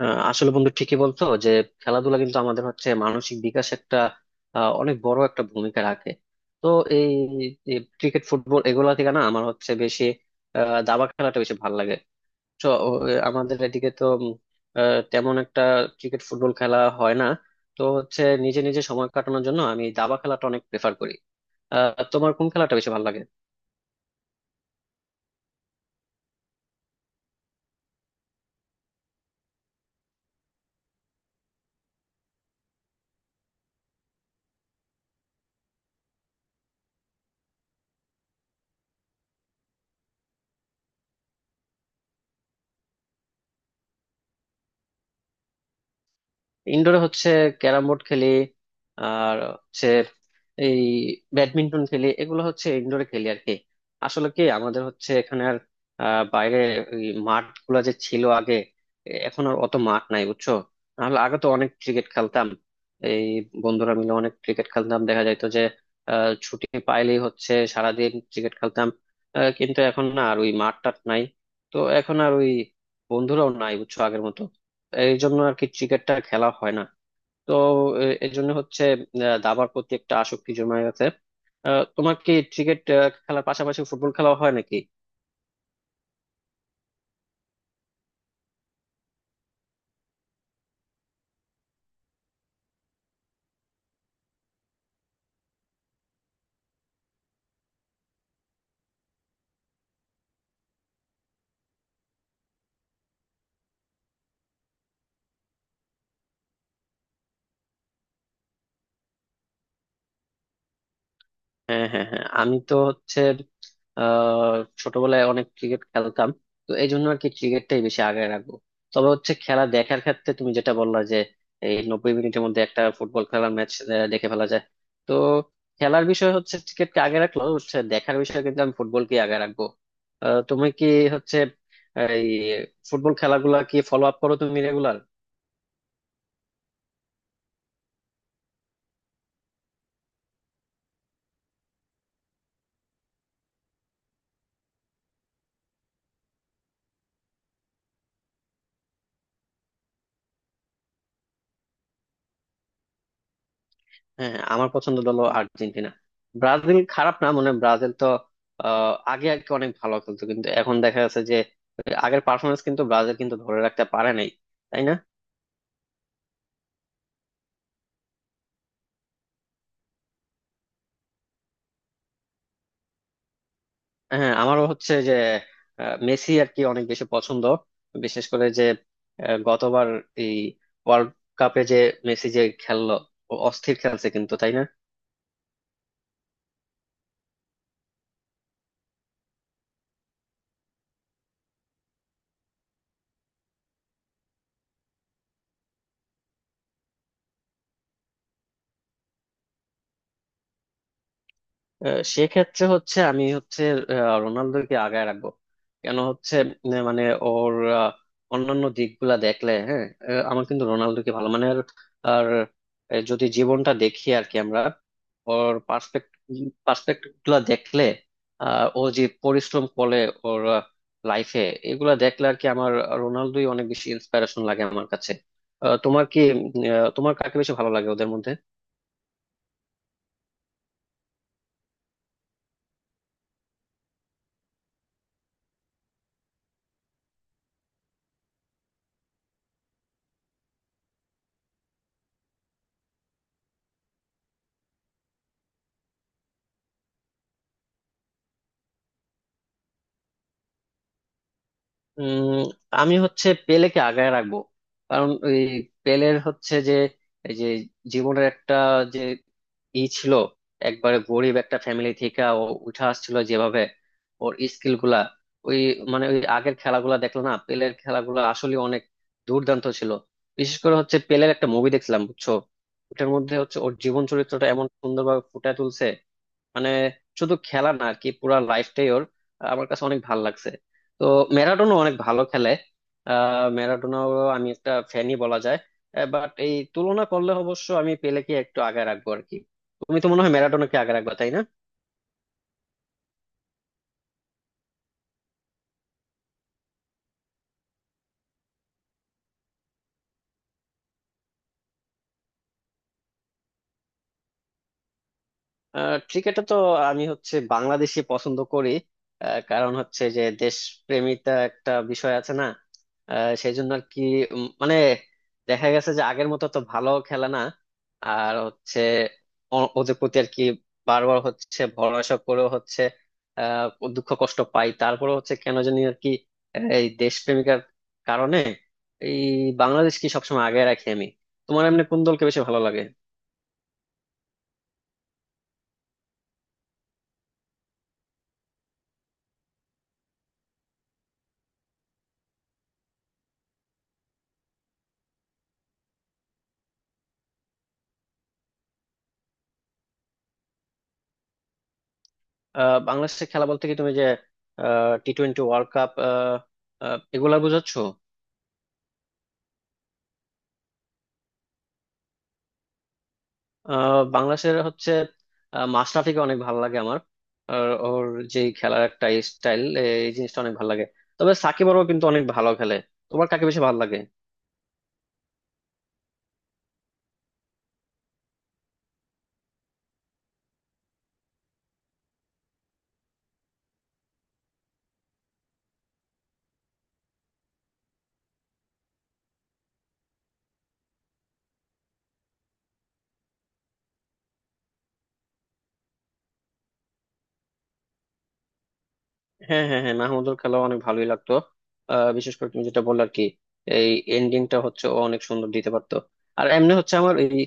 আসলে বন্ধু ঠিকই বলছো যে খেলাধুলা কিন্তু আমাদের হচ্ছে মানসিক বিকাশ একটা অনেক বড় একটা ভূমিকা রাখে। তো এই এই ক্রিকেট ফুটবল এগুলা থেকে না আমার হচ্ছে বেশি দাবা খেলাটা বেশি ভালো লাগে। তো আমাদের এদিকে তো তেমন একটা ক্রিকেট ফুটবল খেলা হয় না। তো হচ্ছে নিজে নিজে সময় কাটানোর জন্য আমি দাবা খেলাটা অনেক প্রেফার করি। আহ তোমার কোন খেলাটা বেশি ভালো লাগে? ইনডোরে হচ্ছে ক্যারাম বোর্ড খেলি, আর হচ্ছে এই ব্যাডমিন্টন খেলি, এগুলো হচ্ছে ইনডোরে খেলি আর কি। আসলে কি আমাদের হচ্ছে এখানে আর বাইরে ওই মাঠ গুলা যে ছিল আগে এখন আর অত মাঠ নাই বুঝছো। নাহলে আগে তো অনেক ক্রিকেট খেলতাম, এই বন্ধুরা মিলে অনেক ক্রিকেট খেলতাম, দেখা যাইতো যে ছুটি পাইলেই হচ্ছে সারাদিন ক্রিকেট খেলতাম। কিন্তু এখন না আর ওই মাঠ টাট নাই। তো এখন আর ওই বন্ধুরাও নাই বুঝছো আগের মতো। এই জন্য আর কি ক্রিকেটটা খেলা হয় না। তো এই জন্য হচ্ছে দাবার প্রতি একটা আসক্তি জমে গেছে। আহ, তোমার কি ক্রিকেট খেলার পাশাপাশি ফুটবল খেলা হয় নাকি? হ্যাঁ হ্যাঁ হ্যাঁ, আমি তো হচ্ছে আহ ছোটবেলায় অনেক ক্রিকেট খেলতাম। তো এই জন্য আর কি ক্রিকেটটাই বেশি আগে রাখবো। তবে হচ্ছে খেলা দেখার ক্ষেত্রে তুমি যেটা বললা যে এই 90 মিনিটের মধ্যে একটা ফুটবল খেলার ম্যাচ দেখে ফেলা যায়। তো খেলার বিষয় হচ্ছে ক্রিকেটকে আগে রাখলো, হচ্ছে দেখার বিষয় কিন্তু আমি ফুটবলকে আগে রাখবো। আহ তুমি কি হচ্ছে এই ফুটবল খেলাগুলা কি ফলো আপ করো তুমি রেগুলার? হ্যাঁ, আমার পছন্দ দল আর্জেন্টিনা। ব্রাজিল খারাপ না, মানে ব্রাজিল তো আগে আগে অনেক ভালো খেলতো কিন্তু এখন দেখা যাচ্ছে যে আগের পারফরমেন্স কিন্তু ব্রাজিল কিন্তু ধরে রাখতে পারে নাই, তাই না? হ্যাঁ আমারও হচ্ছে যে মেসি আর কি অনেক বেশি পছন্দ। বিশেষ করে যে গতবার এই ওয়ার্ল্ড কাপে যে মেসি যে খেললো, ও অস্থির খেলছে কিন্তু, তাই না? সেক্ষেত্রে হচ্ছে আমি হচ্ছে রোনালদোকে আগায় রাখবো। কেন হচ্ছে মানে ওর অন্যান্য দিকগুলা দেখলে, হ্যাঁ আমার কিন্তু রোনালদোকে ভালো মানে আর আর, যদি জীবনটা দেখি আর কি আমরা, ওর পার্সপেক্টিভ গুলা দেখলে ও যে পরিশ্রম করে ওর লাইফে এগুলা দেখলে আর কি আমার রোনালদোই অনেক বেশি ইন্সপিরেশন লাগে আমার কাছে। আহ, তোমার কি তোমার কাকে বেশি ভালো লাগে ওদের মধ্যে? উম আমি হচ্ছে পেলেকে আগায় রাখবো। কারণ ওই পেলের হচ্ছে যে এই যে জীবনের একটা যে ই ছিল, একবারে গরিব একটা ফ্যামিলি থেকে ও উঠে আসছিল যেভাবে, ওর স্কিল গুলা ওই মানে ওই আগের খেলাগুলা দেখলো না, পেলের খেলাগুলা আসলে অনেক দুর্দান্ত ছিল। বিশেষ করে হচ্ছে পেলের একটা মুভি দেখছিলাম বুঝছো, ওটার মধ্যে হচ্ছে ওর জীবন চরিত্রটা এমন সুন্দরভাবে ফুটিয়ে তুলছে। মানে শুধু খেলা না আর কি পুরা লাইফটাই ওর আমার কাছে অনেক ভালো লাগছে। তো ম্যারাডোনা অনেক ভালো খেলে, আহ ম্যারাডোনাও আমি একটা ফ্যানই বলা যায়। বাট এই তুলনা করলে অবশ্য আমি পেলেকে একটু আগে রাখবো আর কি। তুমি তো মনে হয় ম্যারাডোনাকে আগে রাখবা, তাই না? ক্রিকেটে তো আমি হচ্ছে বাংলাদেশি পছন্দ করি। কারণ হচ্ছে যে দেশপ্রেমিতা একটা বিষয় আছে না, সেই জন্য আর কি। মানে দেখা গেছে যে আগের মতো তো ভালো খেলে না। আর হচ্ছে ওদের প্রতি আর কি বারবার হচ্ছে ভরসা করেও হচ্ছে আহ দুঃখ কষ্ট পাই, তারপরে হচ্ছে কেন জানি আর কি এই দেশপ্রেমিকার কারণে এই বাংলাদেশকে সবসময় আগে রাখি আমি। তোমার এমনি কোন দলকে বেশি ভালো লাগে? আহ বাংলাদেশে খেলা বলতে কি তুমি যে টি-টোয়েন্টি ওয়ার্ল্ড কাপ এগুলা বুঝাচ্ছ? বাংলাদেশের হচ্ছে মাশরাফিকে অনেক ভালো লাগে আমার। আর ওর যে খেলার একটা স্টাইল, এই জিনিসটা অনেক ভালো লাগে। তবে সাকিব আরও কিন্তু অনেক ভালো খেলে। তোমার কাকে বেশি ভালো লাগে? হ্যাঁ হ্যাঁ হ্যাঁ, মাহমুদুর খেলা অনেক ভালোই লাগতো। বিশেষ করে তুমি যেটা বললে আর কি এই এন্ডিংটা হচ্ছে ও অনেক সুন্দর দিতে পারতো। আর এমনি হচ্ছে আমার এই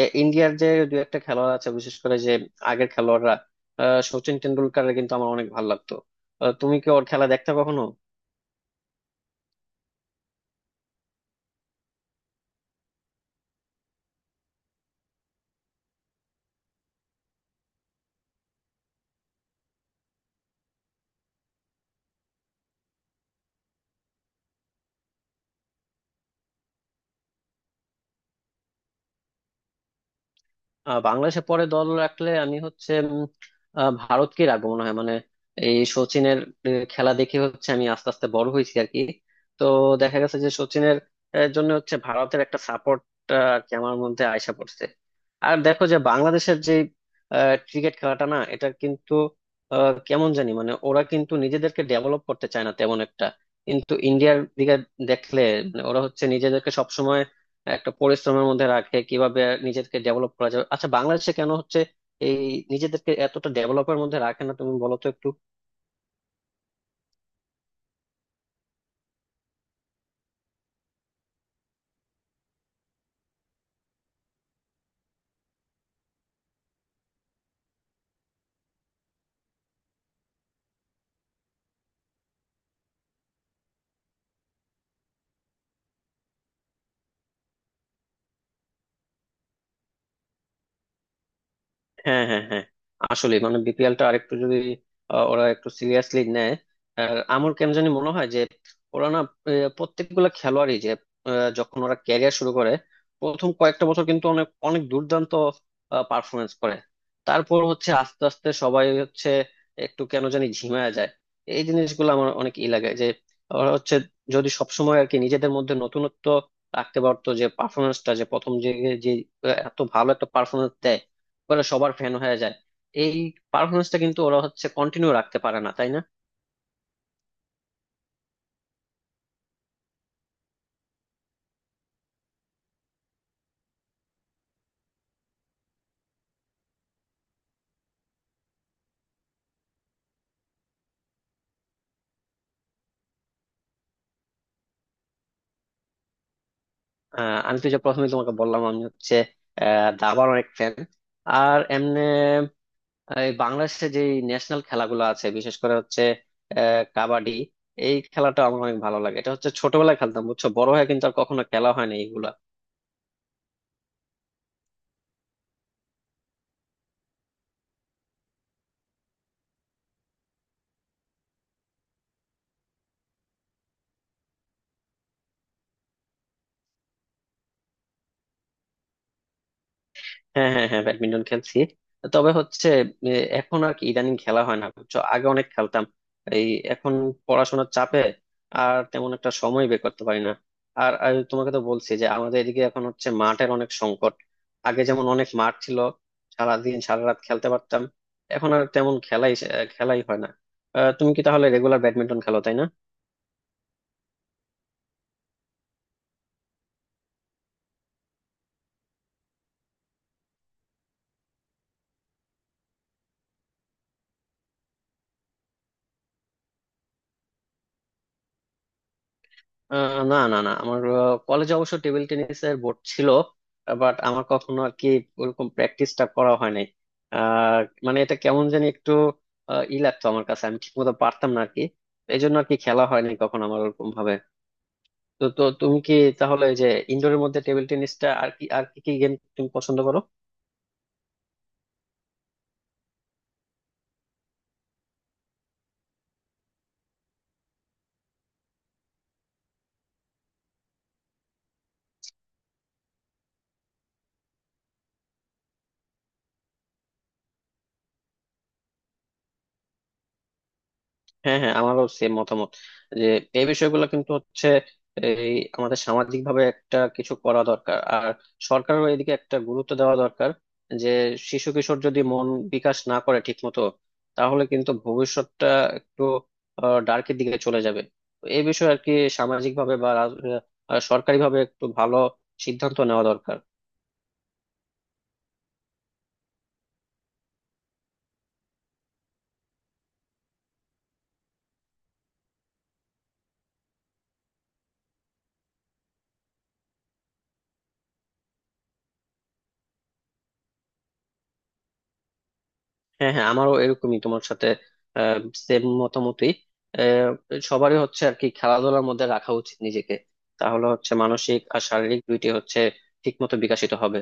এ, ইন্ডিয়ার যে দু একটা খেলোয়াড় আছে, বিশেষ করে যে আগের খেলোয়াড়রা, সচিন টেন্ডুলকারের কিন্তু আমার অনেক ভালো লাগতো। আহ, তুমি কি ওর খেলা দেখতে কখনো? আহ বাংলাদেশে পরে দল রাখলে আমি হচ্ছে ভারতকে রাখবো মনে হয়। মানে এই সচিনের খেলা দেখে হচ্ছে আমি আস্তে আস্তে বড় হয়েছি আর কি। তো দেখা গেছে যে সচিনের জন্য হচ্ছে ভারতের একটা সাপোর্ট আর কি আমার মধ্যে আইসা পড়ছে। আর দেখো যে বাংলাদেশের যে ক্রিকেট খেলাটা না এটা কিন্তু কেমন জানি, মানে ওরা কিন্তু নিজেদেরকে ডেভেলপ করতে চায় না তেমন একটা। কিন্তু ইন্ডিয়ার দিকে দেখলে মানে ওরা হচ্ছে নিজেদেরকে সবসময় একটা পরিশ্রমের মধ্যে রাখে কিভাবে নিজেকে ডেভেলপ করা যাবে। আচ্ছা বাংলাদেশে কেন হচ্ছে এই নিজেদেরকে এতটা ডেভেলপের মধ্যে রাখে না তুমি বলো তো একটু? হ্যাঁ হ্যাঁ হ্যাঁ, আসলে মানে বিপিএল টা আরেকটু যদি ওরা একটু সিরিয়াসলি নেয়। আর আমার কেন জানি মনে হয় যে ওরা না প্রত্যেকগুলা খেলোয়াড়ই যে যখন ওরা ক্যারিয়ার শুরু করে, প্রথম কয়েকটা বছর কিন্তু অনেক অনেক দুর্দান্ত পারফরমেন্স করে। তারপর হচ্ছে আস্তে আস্তে সবাই হচ্ছে একটু কেন জানি ঝিমায় যায়। এই জিনিসগুলো আমার অনেক ই লাগে যে ওরা হচ্ছে যদি সবসময় আর কি নিজেদের মধ্যে নতুনত্ব রাখতে পারতো, যে পারফরমেন্সটা যে প্রথম যে যে এত ভালো একটা পারফরমেন্স ওরা সবার ফ্যান হয়ে যায়, এই পারফরমেন্সটা কিন্তু ওরা হচ্ছে কন্টিনিউ রাখতে পারে না, তাই না? আমি তো যে প্রথমে তোমাকে বললাম আমি হচ্ছে দাবার অনেক ফ্যান। আর এমনি এই বাংলাদেশে যে ন্যাশনাল খেলাগুলো আছে, বিশেষ করে হচ্ছে কাবাডি, এই খেলাটা আমার অনেক ভালো লাগে। এটা হচ্ছে ছোটবেলায় খেলতাম বুঝছো, বড় হয়ে কিন্তু আর কখনো খেলা হয়নি এইগুলা। হ্যাঁ হ্যাঁ হ্যাঁ, ব্যাডমিন্টন খেলছি। তবে হচ্ছে এ, এখন আর কি ইদানিং খেলা হয় না বুঝছো, আগে অনেক খেলতাম। এই এখন পড়াশোনার চাপে আর তেমন একটা সময় বের করতে পারি না। আর আর তোমাকে তো বলছি যে আমাদের এদিকে এখন হচ্ছে মাঠের অনেক সংকট। আগে যেমন অনেক মাঠ ছিল, সারাদিন সারা রাত খেলতে পারতাম। এখন আর তেমন খেলাই হয় না। আহ, তুমি কি তাহলে রেগুলার ব্যাডমিন্টন খেলো, তাই না? না না না, আমার কলেজে অবশ্য টেবিল টেনিসের বোর্ড ছিল। বাট আমার কখনো আর কি ওরকম প্র্যাকটিসটা করা হয় নাই। আহ, মানে এটা কেমন জানি একটু ই লাগতো আমার কাছে, আমি ঠিক মতো পারতাম না আর কি। এই জন্য আর কি খেলা হয়নি কখনো আমার ওরকম ভাবে। তো তো তুমি কি তাহলে এই যে ইনডোরের মধ্যে টেবিল টেনিসটা আর কি আর কি কি গেম তুমি পছন্দ করো? হ্যাঁ হ্যাঁ, আমারও সেম মতামত যে এই বিষয়গুলো কিন্তু হচ্ছে এই আমাদের সামাজিক ভাবে একটা কিছু করা দরকার। আর সরকারের এদিকে একটা গুরুত্ব দেওয়া দরকার যে শিশু কিশোর যদি মন বিকাশ না করে ঠিক মতো, তাহলে কিন্তু ভবিষ্যৎটা একটু ডার্কের দিকে চলে যাবে। তো এই বিষয়ে আর কি সামাজিক ভাবে বা সরকারি ভাবে একটু ভালো সিদ্ধান্ত নেওয়া দরকার। হ্যাঁ হ্যাঁ, আমারও এরকমই, তোমার সাথে সেম মতামতই। আহ, সবারই হচ্ছে আর কি খেলাধুলার মধ্যে রাখা উচিত নিজেকে, তাহলে হচ্ছে মানসিক আর শারীরিক দুইটি হচ্ছে ঠিক মতো বিকশিত হবে।